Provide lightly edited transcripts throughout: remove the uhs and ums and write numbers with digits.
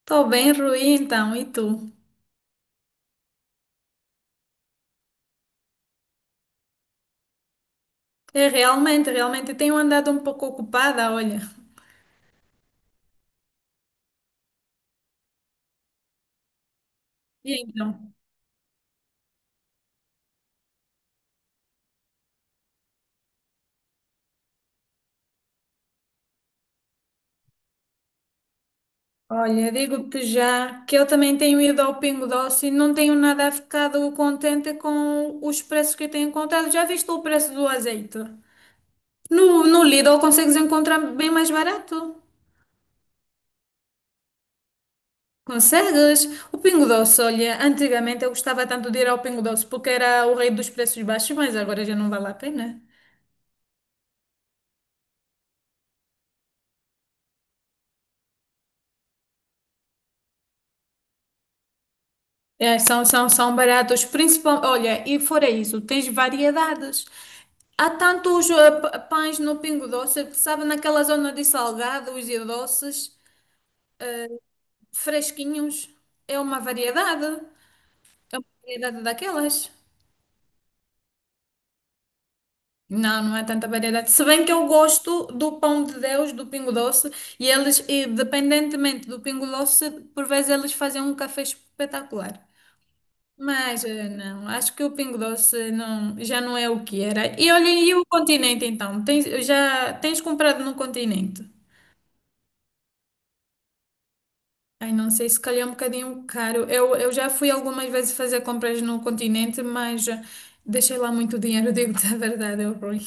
Estou bem, Rui, então, e tu? É, realmente, realmente, tenho andado um pouco ocupada, olha. E então? Olha, digo-te já que eu também tenho ido ao Pingo Doce e não tenho nada ficado contente com os preços que tenho encontrado. Já viste o preço do azeite? No Lidl consegues encontrar bem mais barato. Consegues? O Pingo Doce, olha, antigamente eu gostava tanto de ir ao Pingo Doce porque era o rei dos preços baixos, mas agora já não vale a pena. É, são baratos, principal olha, e fora isso, tens variedades. Há tantos pães no Pingo Doce, sabe, naquela zona de salgados e doces, fresquinhos, é uma variedade, é uma variedade daquelas. Não, não é tanta variedade. Se bem que eu gosto do pão de Deus, do Pingo Doce, e eles, independentemente do Pingo Doce, por vezes eles fazem um café espetacular. Mas não, acho que o Pingo Doce não, já não é o que era. E olha, e o continente então? Já tens comprado no continente? Ai, não sei, se calhar é um bocadinho caro. Eu já fui algumas vezes fazer compras no continente, mas deixei lá muito dinheiro, digo-te a verdade, é ruim.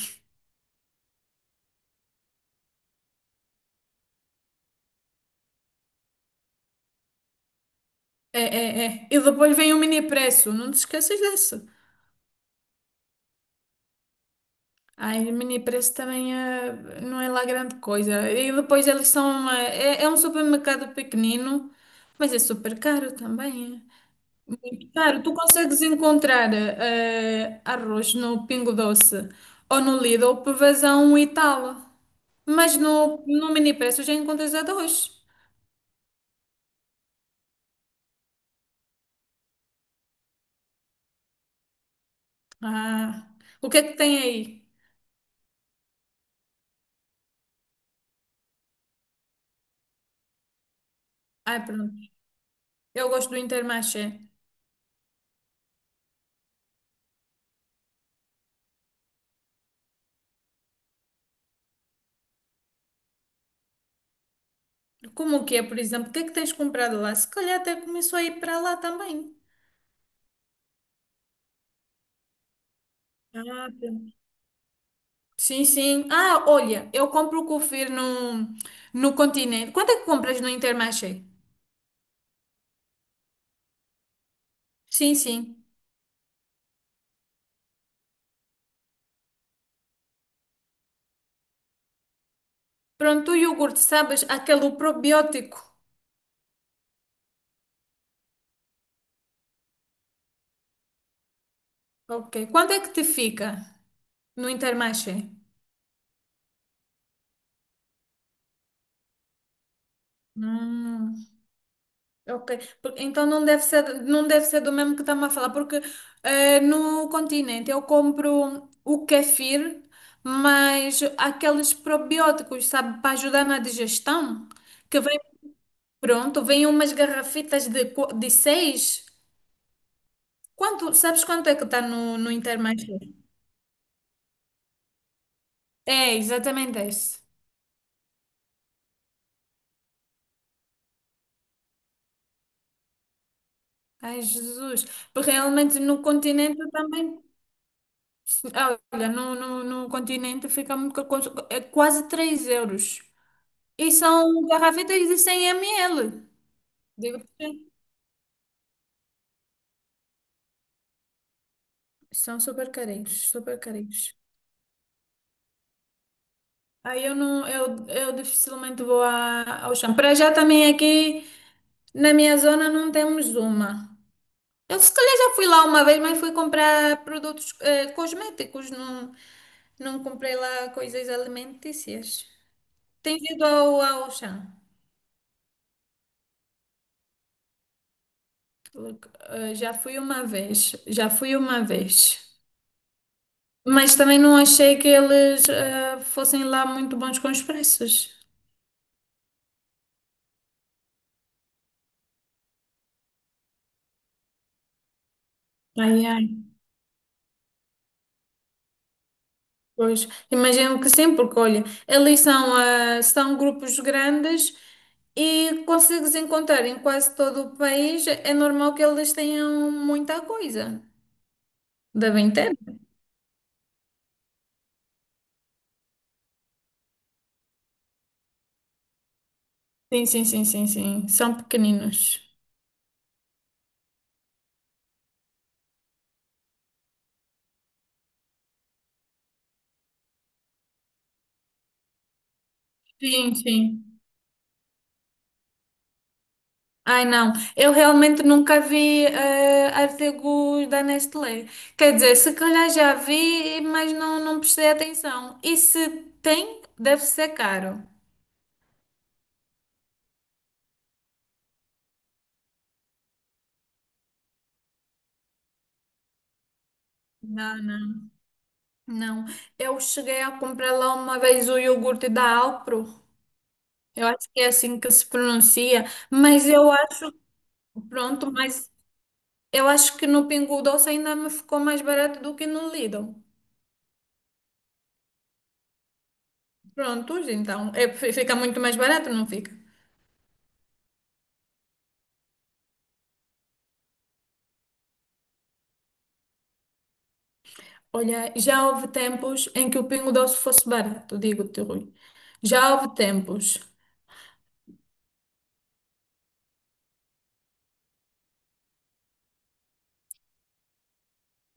É, é, é. E depois vem o mini preço, não te esqueças disso. Ai, o mini preço também não é lá grande coisa. E depois eles é um supermercado pequenino, mas é super caro também. É. Claro, tu consegues encontrar arroz no Pingo Doce ou no Lidl por a um e tal, mas no Mini Preço já encontras arroz. Ah, o que é que tem aí? Ah, pronto, eu gosto do Intermarché. Como que é, por exemplo? O que é que tens comprado lá? Se calhar até começou a ir para lá também. Ah, pronto. Sim, sim. Ah, olha, eu compro o Cofir no Continente. Quanto é que compras no Intermarché? Sim, sim. Pronto, o iogurte, sabes? Aquele probiótico. Ok. Quanto é que te fica no Intermarché? Hum, ok. Então não deve ser do mesmo que estamos a falar, porque no Continente eu compro o kefir, mas aqueles probióticos, sabe, para ajudar na digestão, que vem pronto, vem umas garrafitas de, de seis. Sabes quanto é que está no Intermarché? É, exatamente esse. Ai, Jesus. Porque realmente no continente eu também. Ah, olha, no continente fica muito. É quase 3 euros. E são garrafitas de 100 ml. Digo-te. São super carinhos, super carinhos. Aí eu não. Eu dificilmente vou ao chão. Para já também aqui na minha zona não temos uma. Eu se calhar já fui lá uma vez, mas fui comprar produtos cosméticos. Não, não comprei lá coisas alimentícias. Tem vindo ao Auchan? Já fui uma vez, já fui uma vez. Mas também não achei que eles fossem lá muito bons com os preços. Ai, ai. Pois, imagino que sim, porque olha, eles são grupos grandes e consegues encontrar em quase todo o país. É normal que eles tenham muita coisa. Devem ter? Sim, sim, sim, sim, sim. São pequeninos. Sim, sim. Ai, não. Eu realmente nunca vi artigos da Nestlé. Quer dizer, se calhar já vi, mas não, não prestei atenção. E se tem, deve ser caro. Não, não. Não. Eu cheguei a comprar lá uma vez o iogurte da Alpro. Eu acho que é assim que se pronuncia. Mas eu acho que no Pingo Doce ainda me ficou mais barato do que no Lidl. Prontos, então. É, fica muito mais barato, não fica? Olha, já houve tempos em que o Pingo Doce fosse barato, digo-te, Rui. Já houve tempos.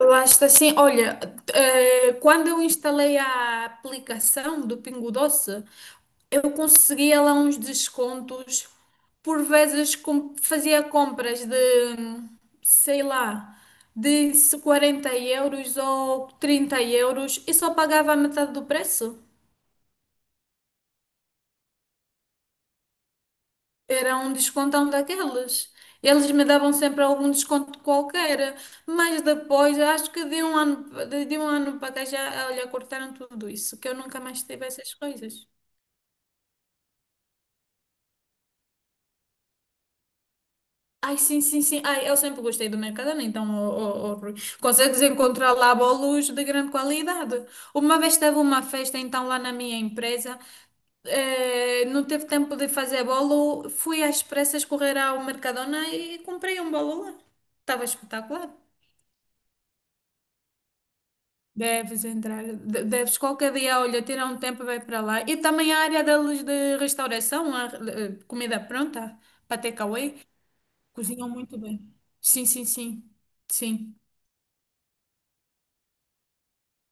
Lá está assim, olha, quando eu instalei a aplicação do Pingo Doce, eu conseguia lá uns descontos. Por vezes fazia compras de, sei lá, de 40 € ou 30 € e só pagava a metade do preço. Era um descontão daqueles. Eles me davam sempre algum desconto qualquer, mas depois, acho que de um ano, de um ano para cá já, olha, cortaram tudo isso, que eu nunca mais tive essas coisas. Ai, sim, sim, sim. Ai, eu sempre gostei do Mercadona, então, ó, ó, ó, Rui, consegues encontrar lá bolos de grande qualidade. Uma vez teve uma festa, então, lá na minha empresa, não teve tempo de fazer bolo, fui às pressas correr ao Mercadona e comprei um bolo lá. Estava espetacular. Deves entrar, deves qualquer dia, olha, tirar um tempo e vai para lá. E também a área deles de restauração, a, comida pronta, para takeaway, cozinham muito bem. Sim, sim, sim, sim.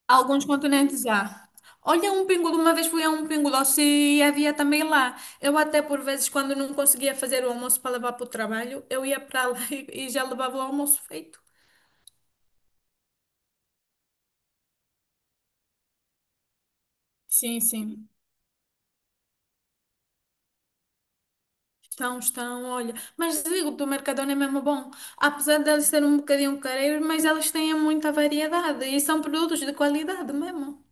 Alguns continentes já. Olha, um pingulo, uma vez fui a um pingulócio e havia também lá. Eu até por vezes, quando não conseguia fazer o almoço para levar para o trabalho, eu ia para lá e já levava o almoço feito. Sim, sim. Estão, estão, olha. Mas digo, do Mercadona é mesmo bom. Apesar de deles serem um bocadinho careiros, mas eles têm muita variedade e são produtos de qualidade mesmo.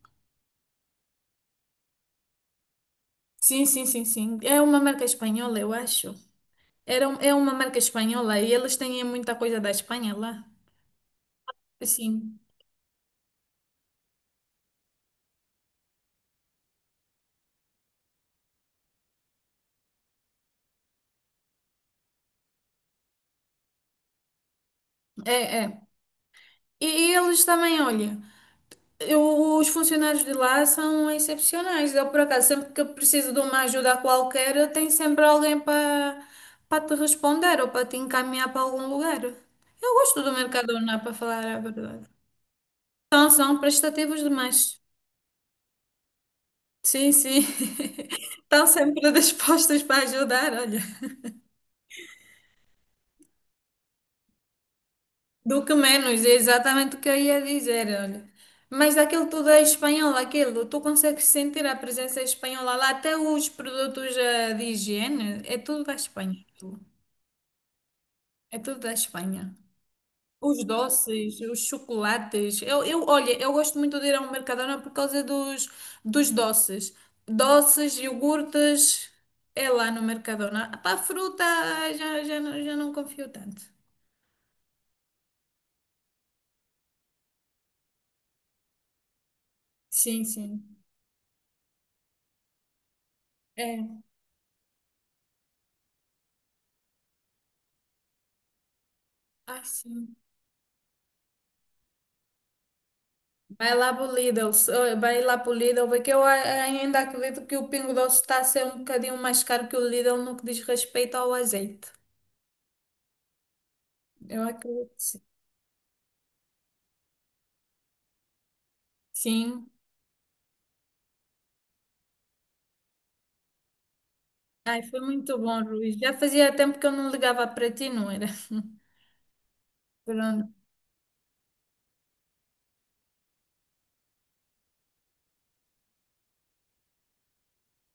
Sim, sim, sim, sim. É uma marca espanhola, eu acho. É uma marca espanhola e eles têm muita coisa da Espanha lá. Sim, é, é. E, e eles também, olha. Os funcionários de lá são excepcionais. Eu, por acaso, sempre que eu preciso de uma ajuda qualquer, tem sempre alguém para te responder ou para te encaminhar para algum lugar. Eu gosto do Mercadona, para falar a verdade. São prestativos demais. Sim, sim. Estão sempre dispostos para ajudar, olha. Do que menos, é exatamente o que eu ia dizer, olha. Mas aquilo tudo é espanhol, aquilo. Tu consegues sentir a presença espanhola lá, até os produtos de higiene, é tudo da Espanha. Aquilo. É tudo da Espanha. Os doces, os chocolates. Olha, eu gosto muito de ir ao Mercadona por causa dos doces. Doces, iogurtes, é lá no Mercadona. Para a fruta, já, já, já não confio tanto. Sim, sim. É. Ah, sim. Vai lá pro Lidl, vai lá pro Lidl, porque eu ainda acredito que o Pingo Doce está a ser um bocadinho mais caro que o Lidl no que diz respeito ao azeite. Eu acredito. Sim. Sim. Ai, foi muito bom, Luís. Já fazia tempo que eu não ligava para ti, não era? Pronto.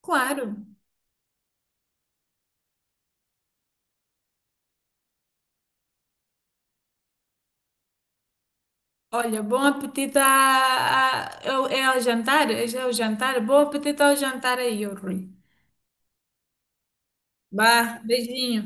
Claro. Olha, bom apetite é ao jantar? É já o jantar? Bom apetite ao jantar aí, ô Rui. Bah, beijinho.